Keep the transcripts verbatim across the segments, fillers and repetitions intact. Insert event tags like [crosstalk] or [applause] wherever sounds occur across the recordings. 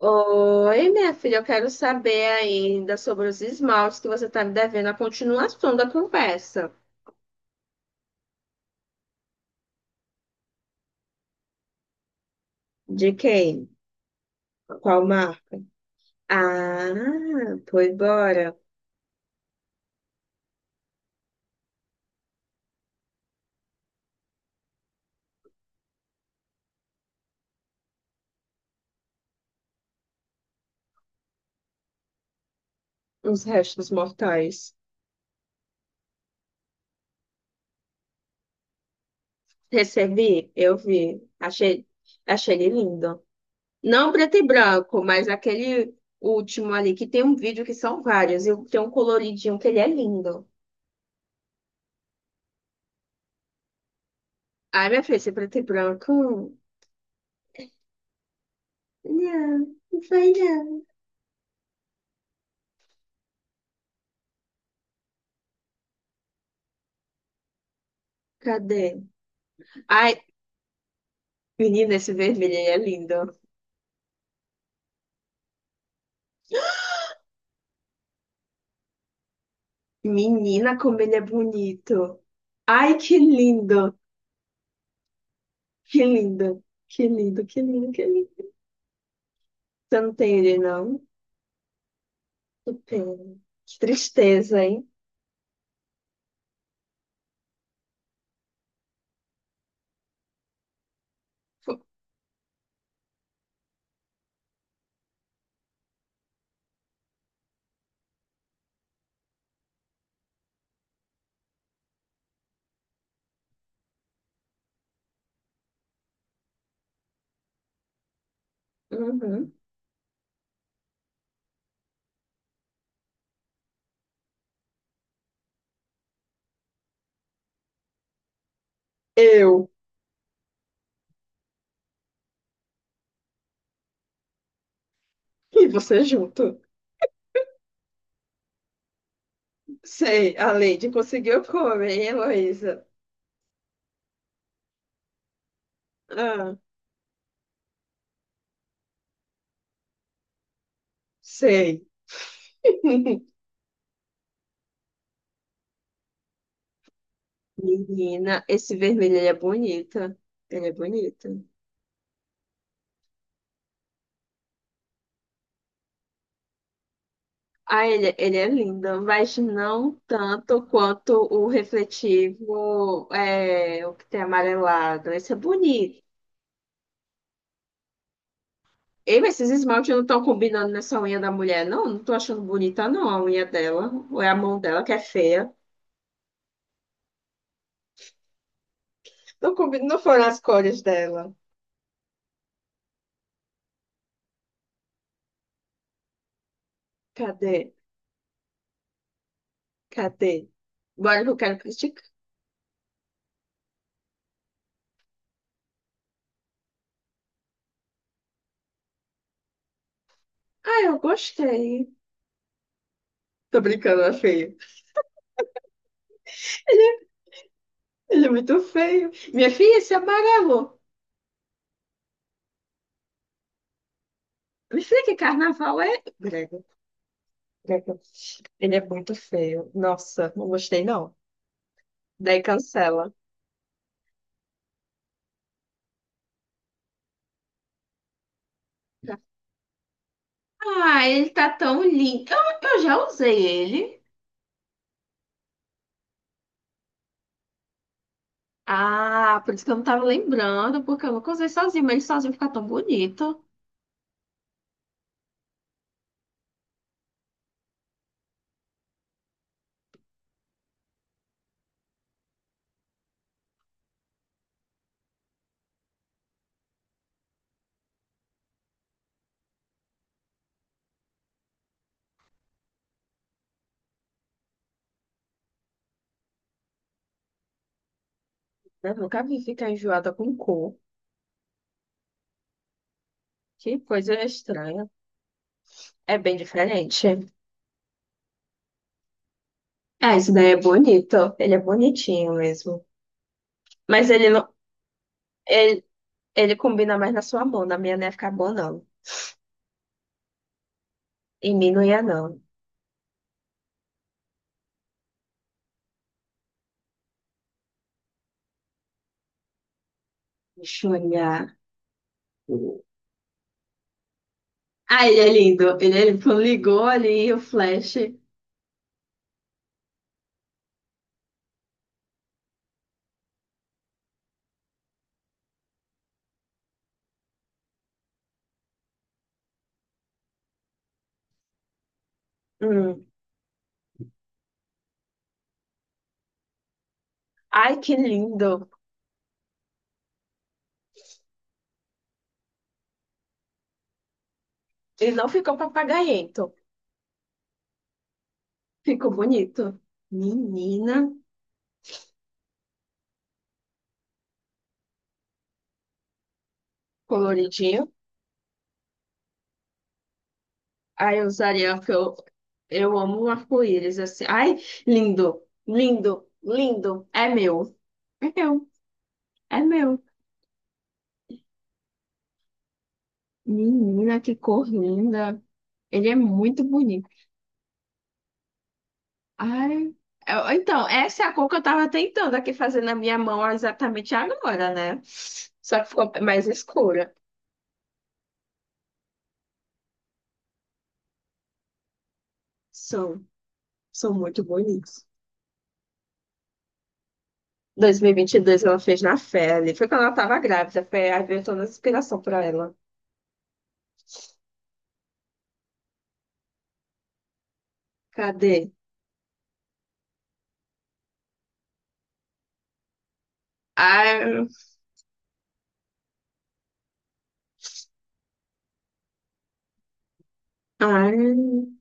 Oi, minha filha, eu quero saber ainda sobre os esmaltes que você está me devendo a continuação da conversa. De quem? Qual marca? Ah, foi embora. Os restos mortais. Recebi, eu vi. Achei, achei ele lindo. Não preto e branco, mas aquele último ali que tem um vídeo que são vários e tem um coloridinho que ele é lindo. Ai, minha filha, esse preto e branco. Não, não foi não. Cadê? Ai, menina, esse vermelho aí é lindo. Menina, como ele é bonito. Ai, que lindo. Que lindo. Que lindo, que lindo, que lindo. Você não tem ele, não? Que pena. Que tristeza, hein? Uhum. Eu e você junto. Sei, a Lady conseguiu comer, hein, Heloísa? Ah, sei. [laughs] Menina, esse vermelho ele é bonito. Ele é bonito. Ah, ele, ele é lindo, mas não tanto quanto o refletivo, é, o que tem amarelado. Esse é bonito. Ei, mas esses esmaltes não estão combinando nessa unha da mulher, não? Não tô achando bonita, não, a unha dela. Ou é a mão dela que é feia. Não, combi- não foram as cores dela. Cadê? Cadê? Bora que eu quero criticar. Ah, eu gostei. Tô brincando, é feio. Ele é muito feio. Minha filha, esse amarelo. Me filha, que carnaval é? Ele é muito feio. Nossa, não gostei não. Daí cancela. Ah, ele tá tão lindo. Eu, eu já usei ele. Ah, por isso que eu não tava lembrando, porque eu nunca usei sozinho, mas ele sozinho fica tão bonito. Eu nunca vi ficar enjoada com cor. Que coisa estranha. É bem diferente. É, isso daí é bonito. Ele é bonitinho mesmo. Mas ele não. Ele, ele combina mais na sua mão. Na minha não ia ficar bom, não. Em mim não ia, não. Deixa eu olhar. Ah, ele é lindo. Ele é lindo. Quando ligou ali o flash. Hum. Ai, que lindo. Ele não ficou papagaiento. Ficou bonito. Menina, coloridinho. Ai, eu usaria, porque eu, eu amo o arco-íris, assim. Ai, lindo, lindo, lindo. É meu. É meu, é meu. Menina, que cor linda. Ele é muito bonito. Ai, eu- então, essa é a cor que eu tava tentando aqui fazer na minha mão exatamente agora, né? Só que ficou mais escura. São, são muito bonitos. dois mil e vinte e dois ela fez na pele. Foi quando ela tava grávida. Foi, aí veio toda a inspiração pra ela. Cadê? Ai, ai,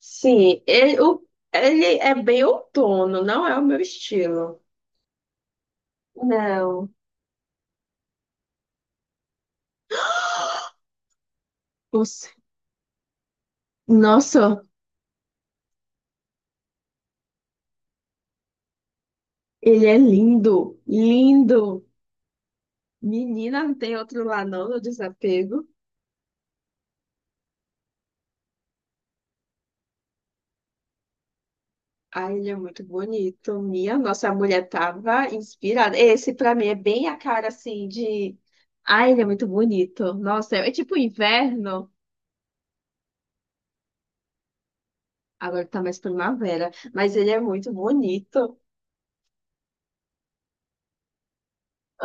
sim. Ele, o- ele é bem outono, não é o meu estilo. Não. Nossa, nossa, ele é lindo, lindo. Menina, não tem outro lá não, no desapego. Ai, ele é muito bonito. Minha nossa, a mulher tava inspirada. Esse pra mim é bem a cara assim de. Ai, ele é muito bonito. Nossa, é, é tipo inverno. Agora tá mais primavera, mas ele é muito bonito.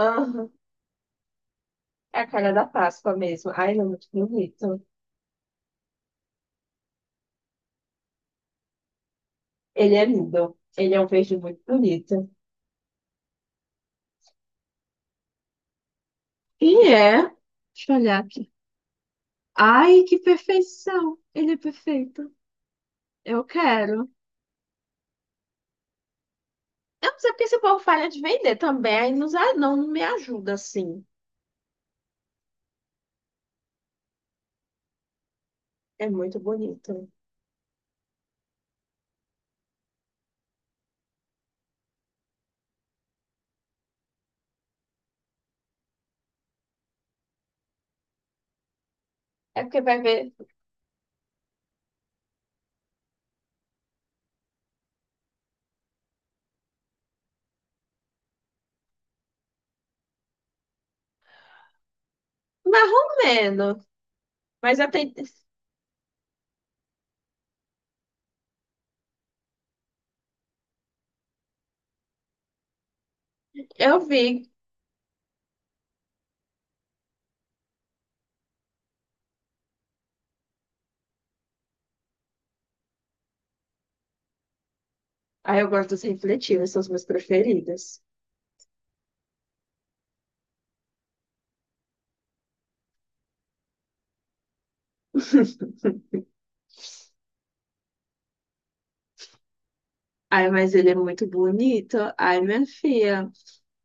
Aham. É a cara da Páscoa mesmo. Ai, ele é muito bonito. Ele é lindo. Ele é um verde muito bonito. E é. Deixa eu olhar aqui. Ai, que perfeição! Ele é perfeito. Eu quero. Eu não sei porque esse povo falha de vender também, aí nos a- não, não me ajuda assim. É muito bonito. É porque vai ver mais ou menos, mas eu tenho... eu vi. Aí eu gosto dos refletivos, são os meus preferidos. [laughs] Ai, mas ele é muito bonito. Ai, minha filha.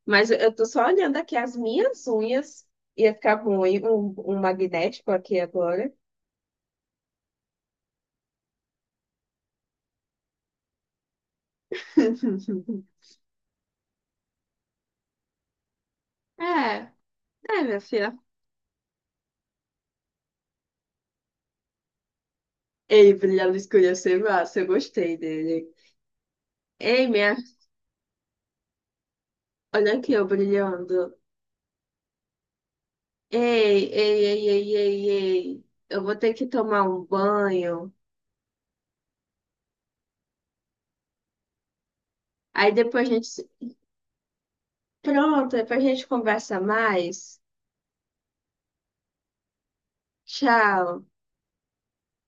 Mas eu eu tô só olhando aqui as minhas unhas. Ia ficar bom, hein? Um, um magnético aqui agora. [laughs] É, é, minha filha. Ei, brilhar no escuro ia ser massa. Eu gostei dele. Ei, minha... Olha aqui, eu brilhando. Ei, ei, ei, ei, ei, ei. Eu vou ter que tomar um banho. Aí depois a gente se- Pronto, depois a gente conversa mais. Tchau.